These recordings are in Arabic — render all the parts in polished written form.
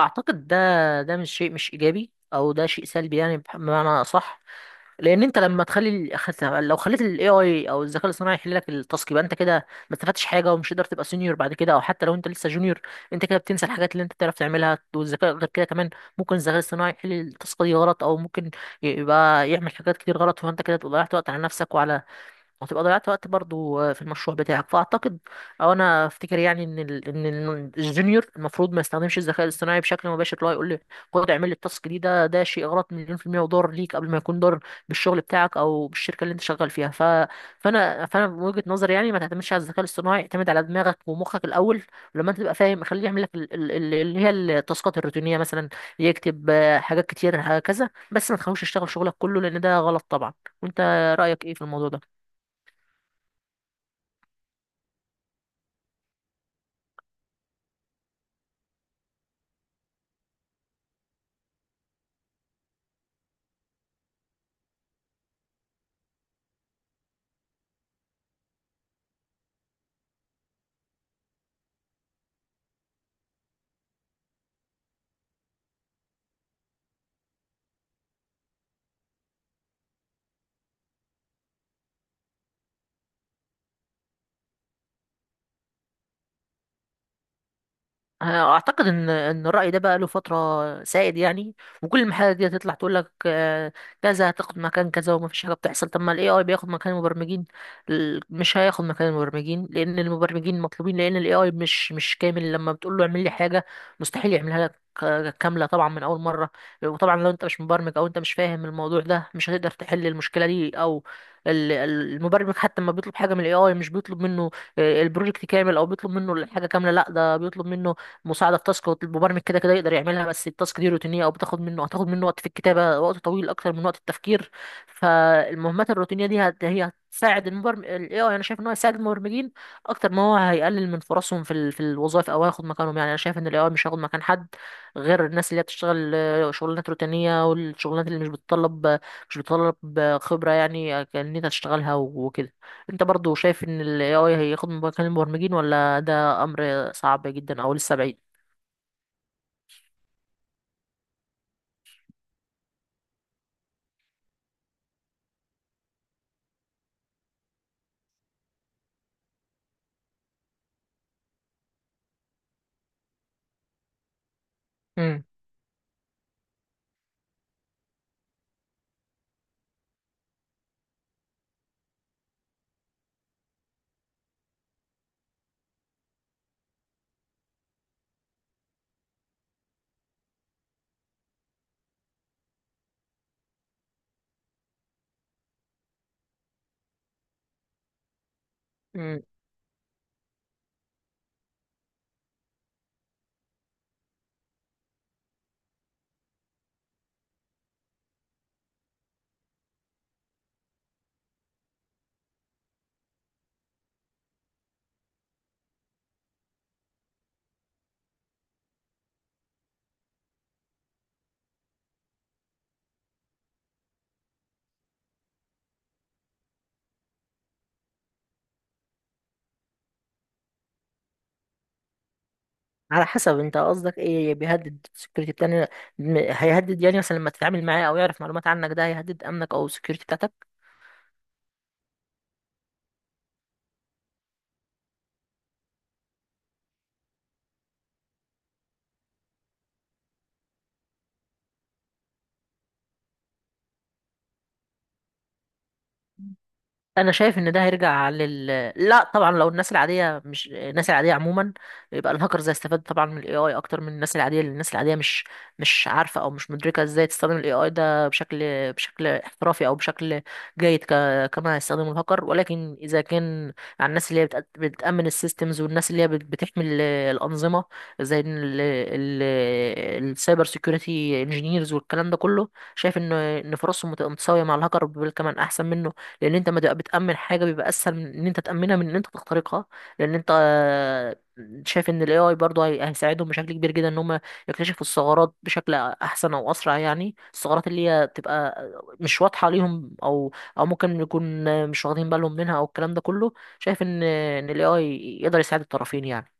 اعتقد ده مش شيء، مش ايجابي، او ده شيء سلبي، يعني بمعنى صح. لان انت لما تخلي لو خليت الاي اي او الذكاء الاصطناعي يحل لك التاسك، يبقى انت كده ما استفدتش حاجه، ومش هتقدر تبقى سينيور بعد كده، او حتى لو انت لسه جونيور، انت كده بتنسى الحاجات اللي انت بتعرف تعملها. والذكاء غير كده كمان، ممكن الذكاء الاصطناعي يحل التاسك دي غلط، او ممكن يبقى يعمل حاجات كتير غلط، فانت كده ضيعت وقت على نفسك، وعلى وهتبقى ضيعت وقت برضو في المشروع بتاعك. فاعتقد، او انا افتكر يعني، ان الجونيور المفروض ما يستخدمش الذكاء الاصطناعي بشكل مباشر، اللي هو يقول لي خد اعمل لي التاسك دي. ده شيء غلط 1,000,000%، وضار ليك، قبل ما يكون ضار بالشغل بتاعك او بالشركة اللي انت شغال فيها. فانا من وجهة نظري يعني، ما تعتمدش على الذكاء الاصطناعي، اعتمد على دماغك ومخك الاول. ولما انت تبقى فاهم خليه يعمل لك اللي هي التاسكات الروتينية مثلا، يكتب حاجات كتير هكذا، بس ما تخلوش يشتغل شغلك كله لان ده غلط طبعا. وانت رأيك ايه في الموضوع ده؟ اعتقد ان الراي ده بقى له فتره سائد يعني، وكل المحلات دي هتطلع تقول لك كذا هتاخد مكان كذا، وما فيش حاجه بتحصل. طب ما الاي اي بياخد مكان المبرمجين، مش هياخد مكان المبرمجين لان المبرمجين مطلوبين، لان الاي اي مش كامل، لما بتقول له اعمل لي حاجه مستحيل يعملها لك كامله طبعا من اول مره. وطبعا لو انت مش مبرمج او انت مش فاهم الموضوع ده مش هتقدر تحل المشكله دي، او المبرمج حتى لما بيطلب حاجه من الاي اي مش بيطلب منه البروجكت كامل، او بيطلب منه الحاجه كامله، لا ده بيطلب منه مساعده في تاسك. المبرمج كده كده يقدر يعملها، بس التاسك دي روتينيه، او بتاخد منه هتاخد منه وقت في الكتابه، وقت طويل اكتر من وقت التفكير. فالمهمات الروتينيه دي هي هتساعد المبرمج. الاي اي انا شايف ان هو هيساعد المبرمجين اكتر ما هو هيقلل من فرصهم في الوظائف او هياخد مكانهم. يعني انا شايف ان الاي اي مش هياخد مكان حد، غير الناس اللي هي بتشتغل شغلانات روتينيه، والشغلانات اللي مش بتطلب خبره، يعني ان انت تشتغلها وكده. انت برضو شايف ان ال AI هياخد مكان المبرمجين، ولا ده امر صعب جدا او لسه بعيد؟ امم امم على حسب، انت قصدك ايه بيهدد السكيورتي بتاعنا؟ هيهدد يعني مثلا لما تتعامل معاه او يعرف معلومات عنك، ده هيهدد امنك او السكيورتي بتاعتك؟ انا شايف ان ده هيرجع لا طبعا. لو الناس العاديه، مش الناس العاديه عموما، يبقى الهاكرز هيستفاد طبعا من الاي اي اكتر من الناس العاديه، لان الناس العاديه مش عارفه او مش مدركه ازاي تستخدم الاي اي ده بشكل احترافي او بشكل جيد كما هيستخدمه الهاكر. ولكن اذا كان على الناس اللي هي بتامن السيستمز، والناس اللي هي بتحمي الانظمه، زي ال... السايبر سيكيورتي انجينيرز والكلام ده كله، شايف ان فرصهم متساويه مع الهاكر، بل كمان احسن منه. لان انت، ما تبقى بتامن حاجه بيبقى اسهل من ان انت تامنها من ان انت تخترقها، لان انت شايف ان الاي اي برضه هيساعدهم بشكل كبير جدا ان هم يكتشفوا الثغرات بشكل احسن او اسرع، يعني الثغرات اللي هي تبقى مش واضحه ليهم، او ممكن يكون مش واخدين بالهم منها، او الكلام ده كله. شايف ان الاي اي يقدر يساعد الطرفين يعني.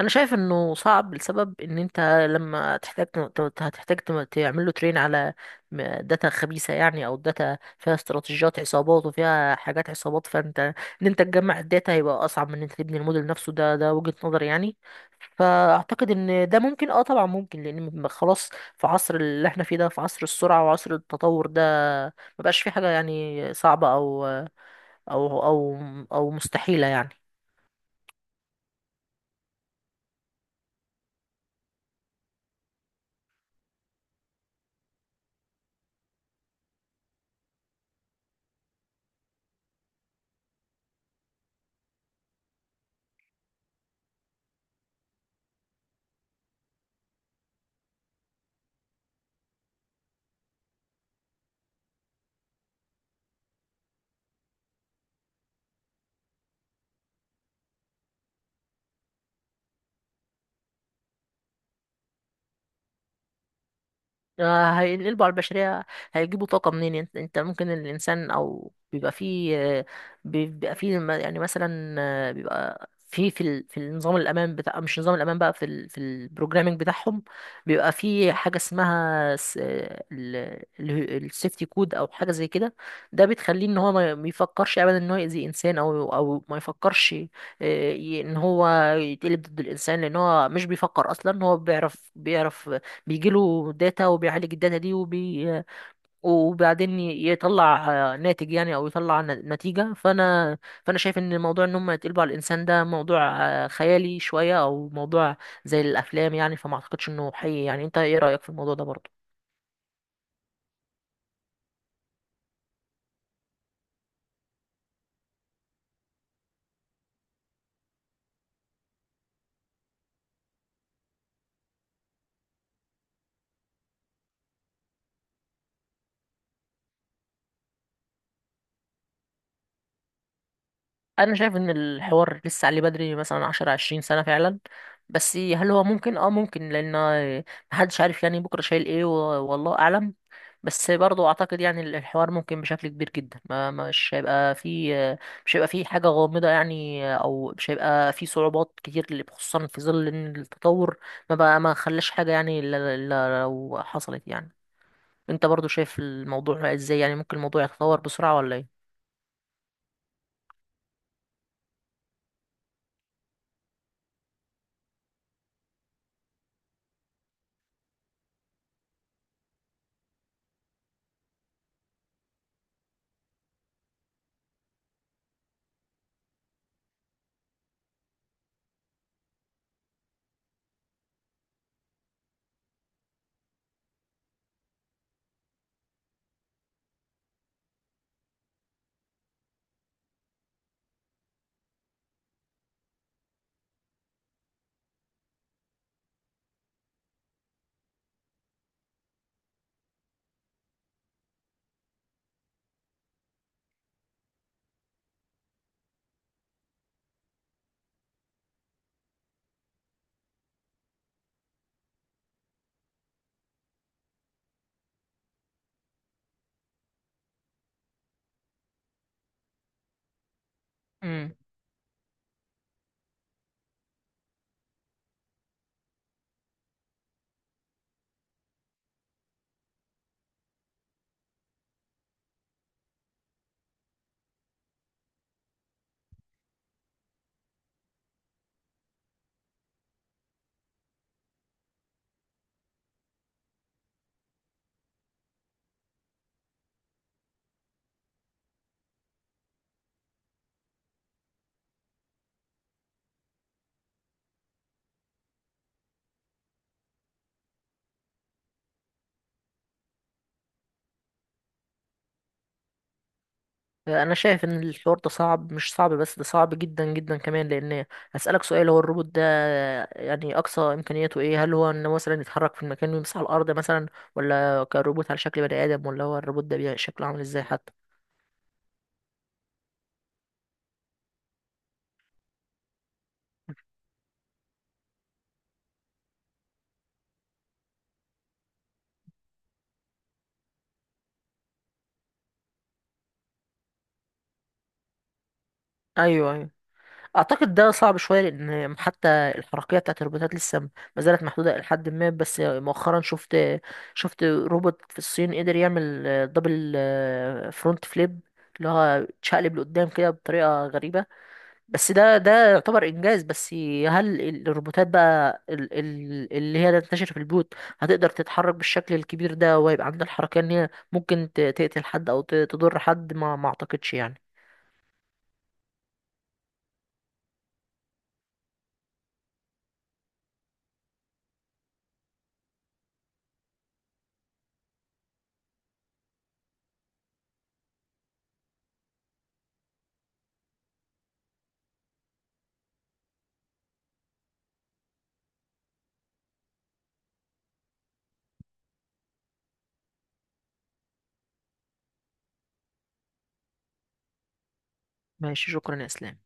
انا شايف انه صعب لسبب ان انت لما تحتاج هتحتاج تعمل له ترين على داتا خبيثه يعني، او داتا فيها استراتيجيات عصابات وفيها حاجات عصابات، فانت، ان انت تجمع الداتا هيبقى اصعب من ان انت تبني الموديل نفسه، ده وجهه نظري يعني. فاعتقد ان ده ممكن، طبعا ممكن، لان خلاص، في عصر اللي احنا فيه ده، في عصر السرعه وعصر التطور ده، مبقاش في حاجه يعني صعبه او او او مستحيله يعني. هينقلبوا على البشرية؟ هيجيبوا طاقة منين؟ انت ممكن الإنسان أو بيبقى فيه بيبقى فيه يعني مثلا بيبقى في في النظام الأمان بتاع، مش نظام الأمان بقى، في البروجرامينج بتاعهم، بيبقى في حاجة اسمها السيفتي كود أو حاجة زي كده. ده بتخليه إن هو ما يفكرش أبدا إن هو يأذي إنسان، أو ما يفكرش إن هو يتقلب ضد الإنسان. لأن هو مش بيفكر أصلا، هو بيعرف بيجيله داتا وبيعالج الداتا دي وبعدين يطلع ناتج يعني، او يطلع نتيجة. فانا شايف ان موضوع ان هم يتقلبوا على الانسان ده موضوع خيالي شوية، او موضوع زي الافلام يعني، فما اعتقدش انه حقيقي يعني. انت ايه رأيك في الموضوع ده برضه؟ انا شايف ان الحوار لسه عليه بدري، مثلا 10-20 سنة فعلا. بس هل هو ممكن؟ اه ممكن، لان محدش عارف يعني بكرة شايل ايه، والله اعلم. بس برضو اعتقد يعني الحوار ممكن بشكل كبير جدا، ما مش هيبقى في حاجة غامضة يعني، او مش هيبقى في صعوبات كتير، خصوصا في ظل ان التطور ما خلاش حاجة يعني، إلا لو حصلت يعني. انت برضو شايف الموضوع ازاي؟ يعني ممكن الموضوع يتطور بسرعة ولا ايه؟ انا شايف ان الحوار ده صعب، مش صعب بس ده صعب جدا جدا كمان، لان هسألك سؤال. هو الروبوت ده يعني اقصى امكانياته ايه؟ هل هو انه مثلا يتحرك في المكان ويمسح الارض مثلا، ولا كروبوت على شكل بني ادم، ولا هو الروبوت ده بيبقى شكله عامل ازاي حتى؟ ايوه، ايوه. اعتقد ده صعب شويه، لان حتى الحركيه بتاعت الروبوتات لسه ما زالت محدوده الى حد ما. بس مؤخرا شفت روبوت في الصين قدر يعمل دبل فرونت فليب، اللي هو اتشقلب لقدام كده بطريقه غريبه. بس ده يعتبر انجاز. بس هل الروبوتات بقى اللي هي تنتشر في البيوت هتقدر تتحرك بالشكل الكبير ده، ويبقى عندها الحركيه ان هي ممكن تقتل حد او تضر حد؟ ما اعتقدش يعني. ماشي، شكرا يا اسلام.